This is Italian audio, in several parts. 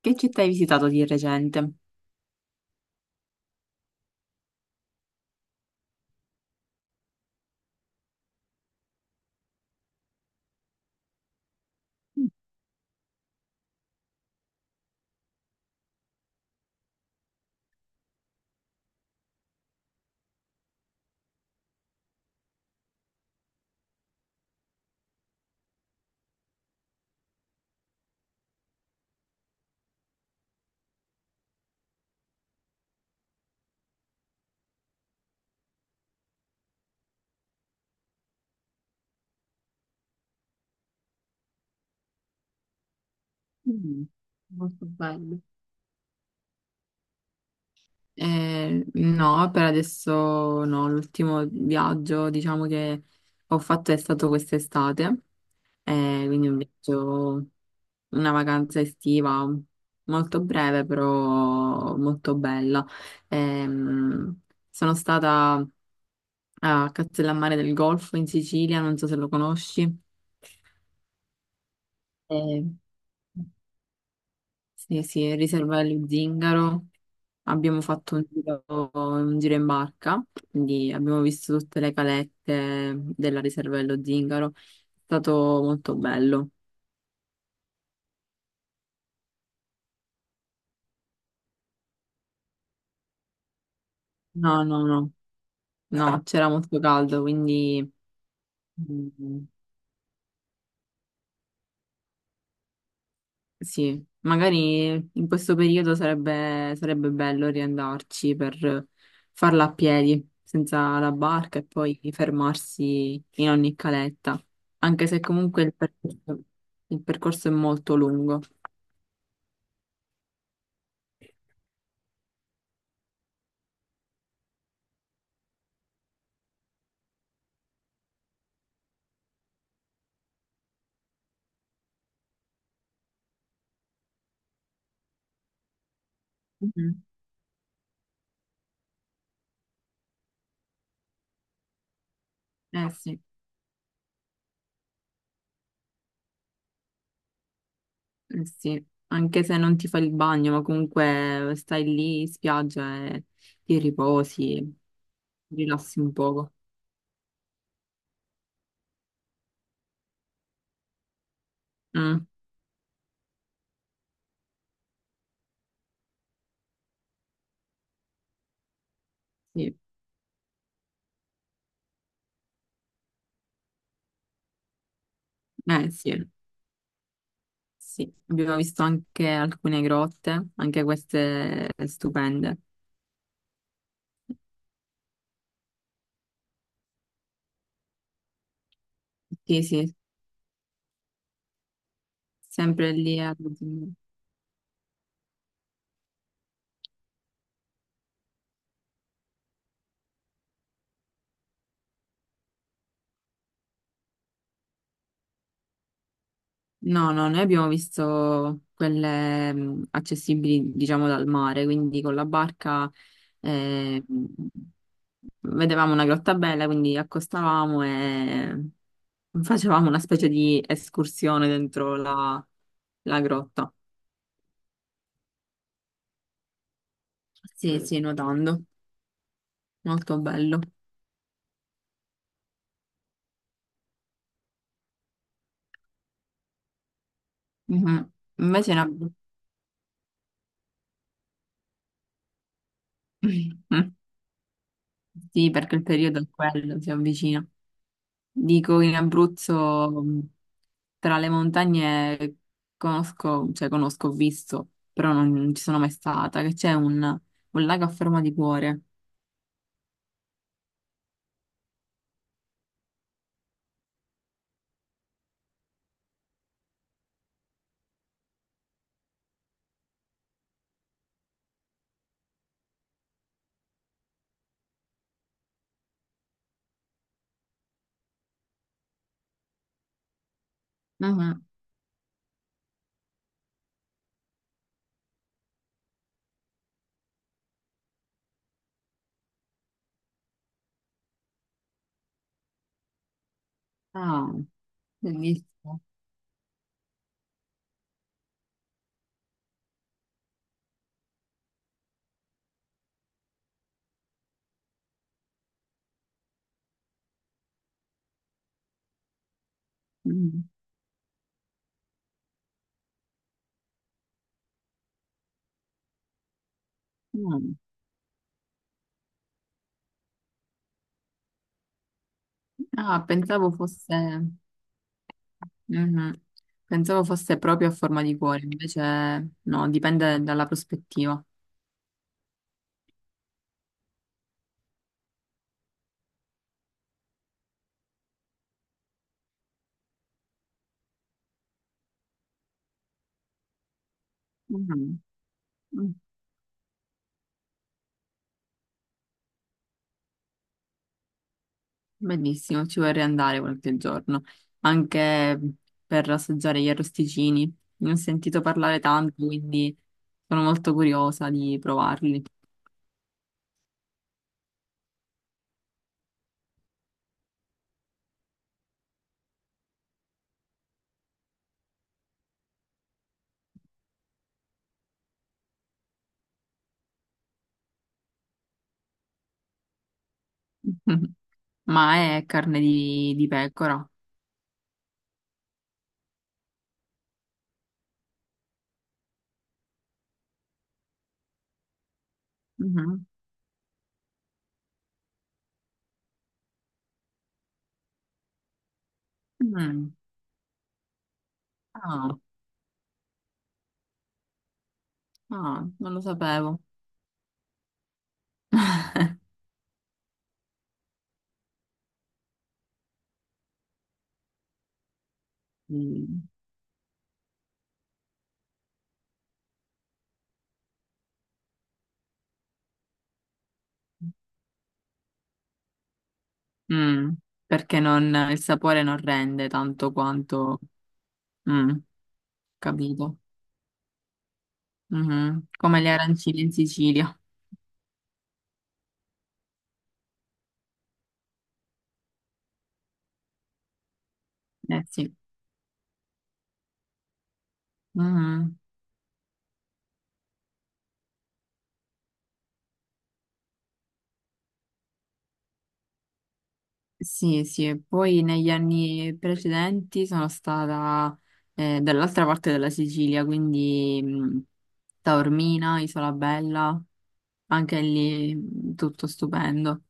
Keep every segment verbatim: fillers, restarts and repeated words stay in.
Che città hai visitato di recente? Mm, molto bello. Eh, no, per adesso no, l'ultimo viaggio diciamo che ho fatto è stato quest'estate, eh, quindi un viaggio, una vacanza estiva molto breve però molto bella. Ehm, Sono stata a Castellammare del Golfo in Sicilia, non so se lo conosci. Eh, sì, sì, riserva dello Zingaro. Abbiamo fatto un giro, un giro in barca, quindi abbiamo visto tutte le calette della riserva dello Zingaro. È stato molto bello. No, no, no, no, c'era molto caldo, quindi mm, sì, magari in questo periodo sarebbe, sarebbe bello riandarci per farla a piedi, senza la barca e poi fermarsi in ogni caletta, anche se comunque il percorso, il percorso è molto lungo. Mhm. Eh sì. Eh sì, anche se non ti fai il bagno, ma comunque stai lì in spiaggia e ti riposi, rilassi un poco. Mm, sì. Eh sì, sì. Abbiamo visto anche alcune grotte, anche queste stupende. Sì, sì, sempre lì a… No, no, noi abbiamo visto quelle mh, accessibili, diciamo, dal mare, quindi con la barca eh, mh, vedevamo una grotta bella, quindi accostavamo e facevamo una specie di escursione dentro la, la grotta. Sì, sì, nuotando, molto bello. Mhm. Invece in Abruzzo, sì, perché il periodo è quello, si avvicina. Dico in Abruzzo. Mm, tra le montagne conosco, cioè conosco, ho visto, però non, non ci sono mai stata, che c'è un, un lago a forma di cuore. Ah, ah. Ah, bellissimo. Mm, mm. Ah, pensavo fosse, mhm. Pensavo fosse proprio a forma di cuore, invece no, dipende dalla prospettiva. Mhm. Bellissimo, ci vorrei andare qualche giorno, anche per assaggiare gli arrosticini. Ne ho sentito parlare tanto, quindi sono molto curiosa di provarli. Ma è carne di, di pecora? Mhm. Mm. Ah, ah, non lo sapevo. Mm. Mm, perché non- il sapore non rende tanto quanto… Mm, capito. Mhm. Come le arancine in Sicilia. Eh sì. Mhm. Sì, sì, e poi negli anni precedenti sono stata eh, dall'altra parte della Sicilia, quindi mh, Taormina, Isola Bella, anche lì mh, tutto stupendo.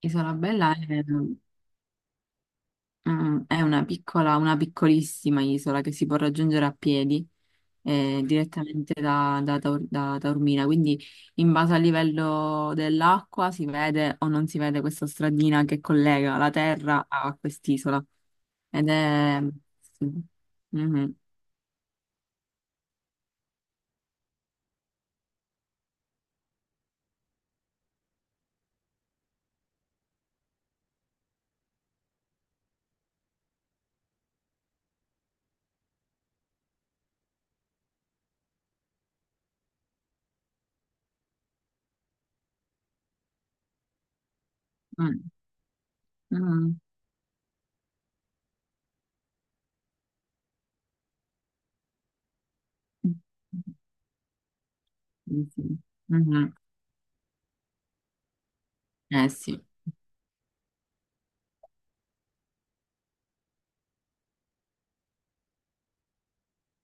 Isola Bella è, mm, è una piccola, una piccolissima isola che si può raggiungere a piedi eh, direttamente da, da Taur- da da Taormina. Quindi in base al livello dell'acqua si vede o non si vede questa stradina che collega la terra a quest'isola. Ed è… sì. Mhm. Mm. Mm. Sì, sì. Mhm. Eh sì,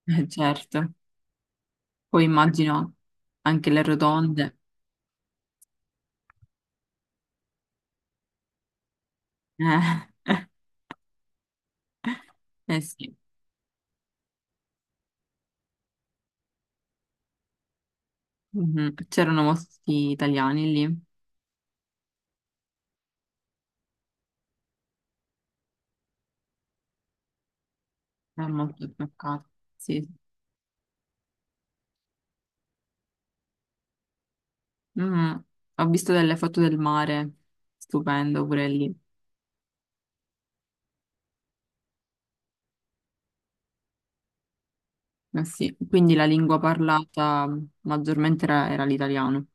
eh, certo. Poi immagino anche le rotonde. Eh, eh sì. Mhm. C'erano molti italiani lì, è molto toccato. Sì. Sì. Mm, ho visto delle foto del mare, stupendo pure lì. Eh sì, quindi la lingua parlata maggiormente era, era l'italiano.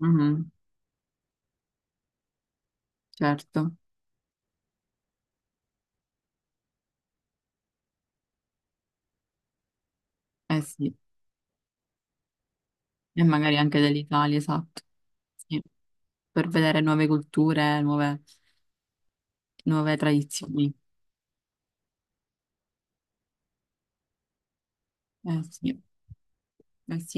Mhm, certo, eh sì, e magari anche dell'Italia, esatto. Sì, per vedere nuove culture, nuove, nuove tradizioni. Eh sì, eh sì.